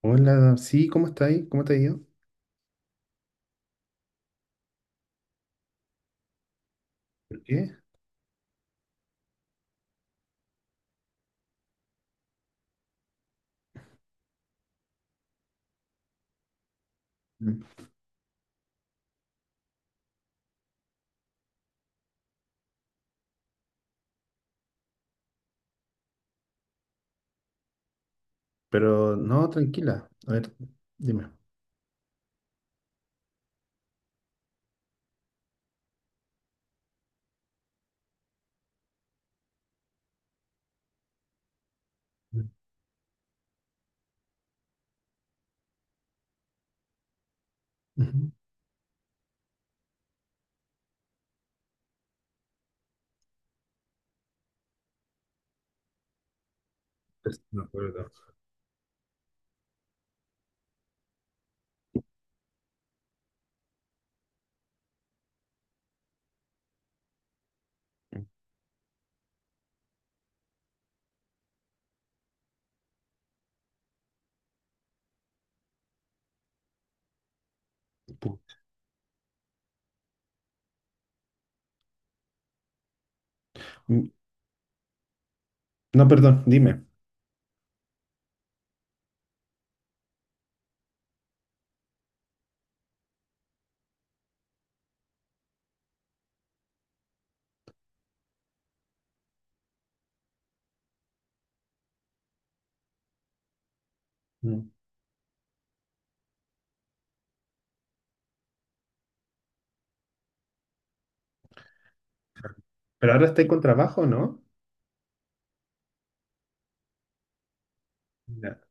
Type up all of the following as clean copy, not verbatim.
Hola, sí, ¿cómo está ahí? ¿Cómo te ha ido? ¿Por qué? Mm. Pero no, tranquila. A ver, dime. Mm. Ujú. Pues, no, acuerdo. Pucha. Mm, no, perdón, dime. Mm. Pero ahora estáis con trabajo, ¿no? Ya.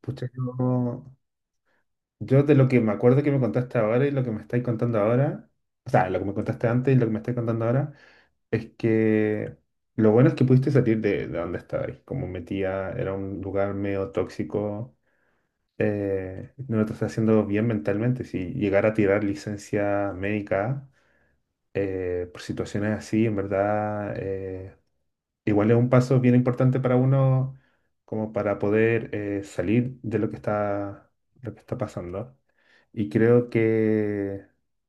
Pucha, yo de lo que me acuerdo que me contaste ahora y lo que me estáis contando ahora, o sea, lo que me contaste antes y lo que me estáis contando ahora, es que lo bueno es que pudiste salir de donde estabais. Como metía, era un lugar medio tóxico. No lo estás haciendo bien mentalmente. Si llegar a tirar licencia médica por situaciones así, en verdad, igual es un paso bien importante para uno como para poder salir de lo que está pasando. Y creo que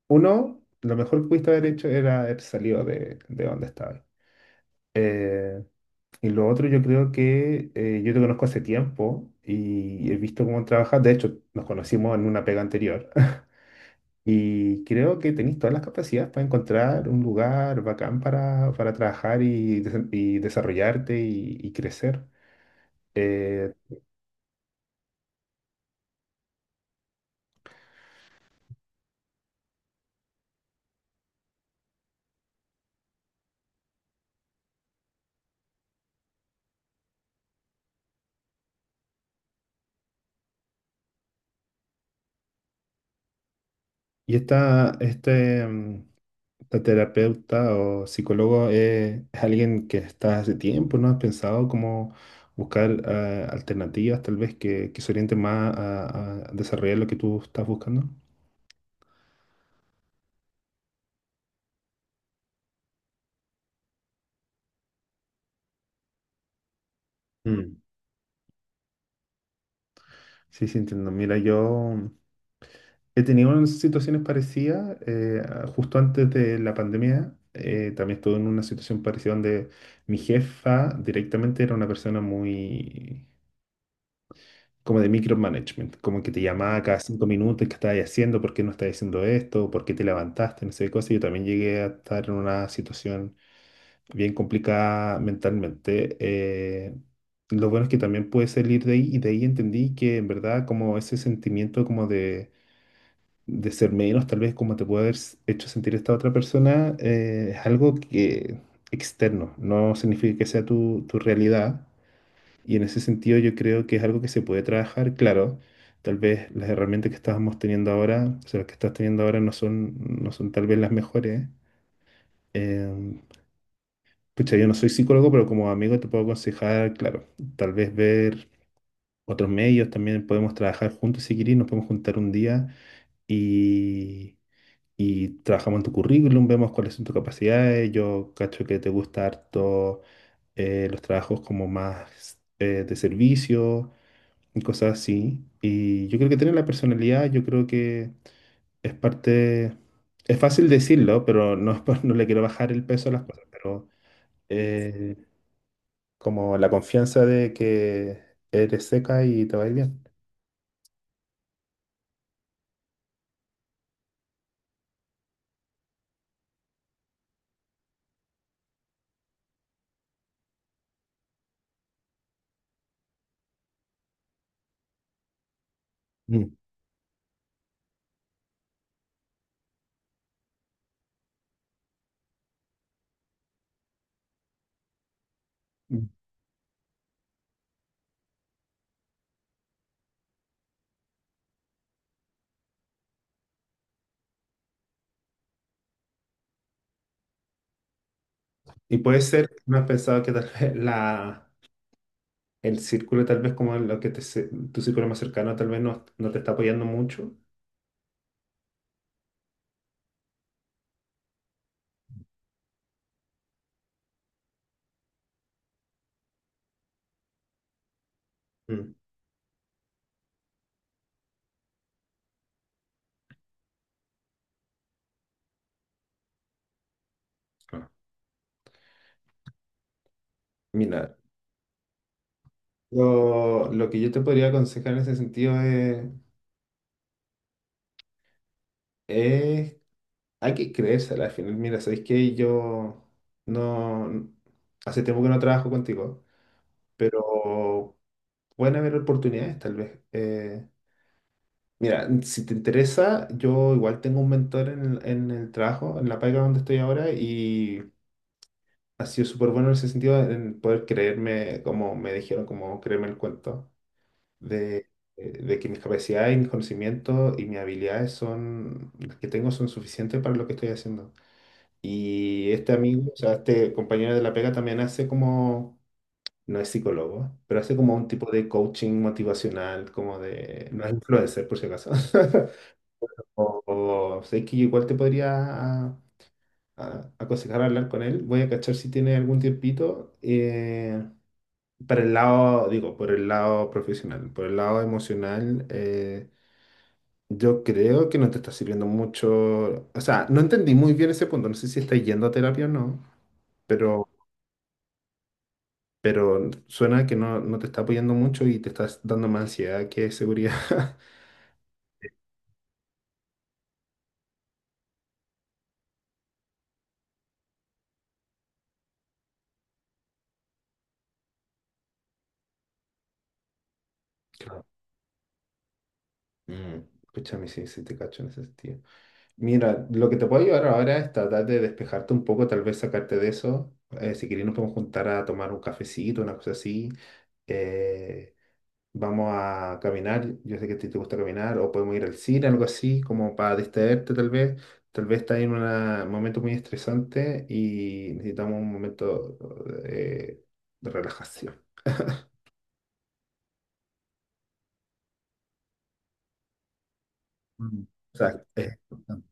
uno, lo mejor que pudiste haber hecho era haber salido de donde estaba. Eh, y lo otro, yo creo que yo te conozco hace tiempo y he visto cómo trabajas. De hecho, nos conocimos en una pega anterior. Y creo que tenéis todas las capacidades para encontrar un lugar bacán para trabajar y, y desarrollarte y crecer. Eh, y este, la terapeuta o psicólogo es alguien que está hace tiempo, ¿no? ¿Has pensado cómo buscar alternativas tal vez que se orienten más a desarrollar lo que tú estás buscando? Mm, Sí, sí, entiendo. Mira, yo he tenido unas situaciones parecidas justo antes de la pandemia. También estuve en una situación parecida donde mi jefa directamente era una persona muy, como de micromanagement, como que te llamaba cada 5 minutos, qué estabas haciendo, por qué no estabas haciendo esto, por qué te levantaste, no sé qué cosa. Yo también llegué a estar en una situación bien complicada mentalmente. Lo bueno es que también pude salir de ahí y de ahí entendí que en verdad como ese sentimiento como de ser menos, tal vez como te puede haber hecho sentir esta otra persona, es algo que externo, no significa que sea tu realidad. Y en ese sentido yo creo que es algo que se puede trabajar, claro. Tal vez las herramientas que estábamos teniendo ahora, o sea, las que estás teniendo ahora no son tal vez las mejores. Em, pucha, yo no soy psicólogo, pero como amigo te puedo aconsejar, claro, tal vez ver otros medios, también podemos trabajar juntos si querés, nos podemos juntar un día y, y trabajamos en tu currículum, vemos cuáles son tus capacidades. Yo cacho que te gusta harto los trabajos como más de servicio y cosas así. Y yo creo que tener la personalidad, yo creo que es parte, es fácil decirlo, pero no, no le quiero bajar el peso a las cosas, pero eh, como la confianza de que eres seca y te va a ir bien. Mm. Mm. Y puede ser, no has pensado que tal vez el círculo, tal vez como lo que te, se- tu círculo más cercano, tal vez no te está apoyando mucho. Mm. Ah. Mira, lo que yo te podría aconsejar en ese sentido es: hay que creérsela al final. Mira, ¿sabéis que Yo no... Hace tiempo que no trabajo contigo, pero pueden haber oportunidades tal vez. Mira, si te interesa, yo igual tengo un mentor en el trabajo, en la pega donde estoy ahora, y ha sido súper bueno en ese sentido, en poder creerme, como me dijeron, como creerme el cuento, de, de que mis capacidades y mis conocimientos y mis habilidades son, las que tengo son suficientes para lo que estoy haciendo. Y este amigo, o sea, este compañero de la pega también hace como, no es psicólogo, pero hace como un tipo de coaching motivacional, no es influencer por si acaso. O sé que igual te podría a- aconsejar hablar con él. Voy a cachar si tiene algún tiempito. Para el lado, digo, por el lado profesional, por el lado emocional, yo creo que no te está sirviendo mucho. O sea, no entendí muy bien ese punto. No sé si estás yendo a terapia o no, pero... pero suena que no te está apoyando mucho y te estás dando más ansiedad que seguridad. Claro. Escúchame, sí, sí te cacho en ese sentido. Mira, lo que te puedo ayudar ahora es tratar de despejarte un poco, tal vez sacarte de eso. Si querés nos podemos juntar a tomar un cafecito, una cosa así. Eh, Vamos a caminar, yo sé que a ti te gusta caminar, o podemos ir al cine, algo así, como para distraerte tal vez. Tal vez estás en un momento muy estresante y necesitamos un momento eh, de relajación. Mm, Exacto. Exacto.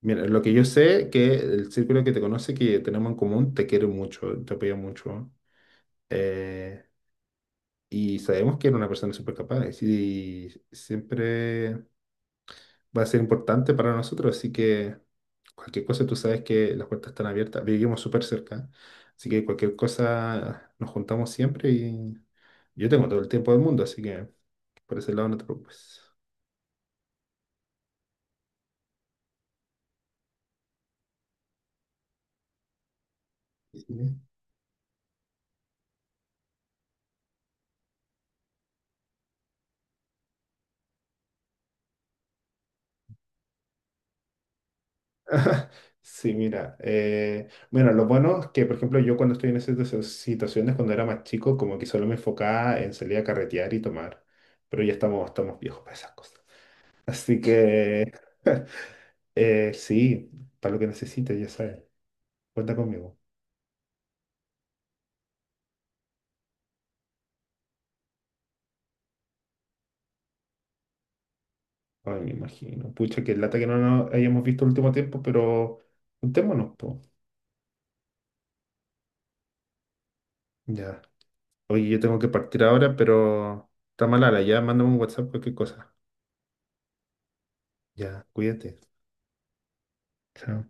Mira, lo que yo sé que el círculo que te conoce, que tenemos en común, te quiere mucho, te apoya mucho. eh, y sabemos que eres una persona súper capaz y siempre va a ser importante para nosotros, así que cualquier cosa tú sabes que las puertas están abiertas, vivimos súper cerca, así que cualquier cosa nos juntamos siempre y yo tengo todo el tiempo del mundo, así que por ese lado no te preocupes. Sí, sí, mira, bueno, lo bueno es que, por ejemplo, yo cuando estoy en esas situaciones, cuando era más chico, como que solo me enfocaba en salir a carretear y tomar, pero ya estamos viejos para esas cosas. Así que, sí, para lo que necesites, ya sabes. Cuenta conmigo. Ay, me imagino. Pucha, qué lata que no nos hayamos visto el último tiempo, pero juntémonos, po. Ya. Oye, yo tengo que partir ahora, pero está malala, ya. Mándame un WhatsApp, cualquier cosa. Ya, cuídate. Chao.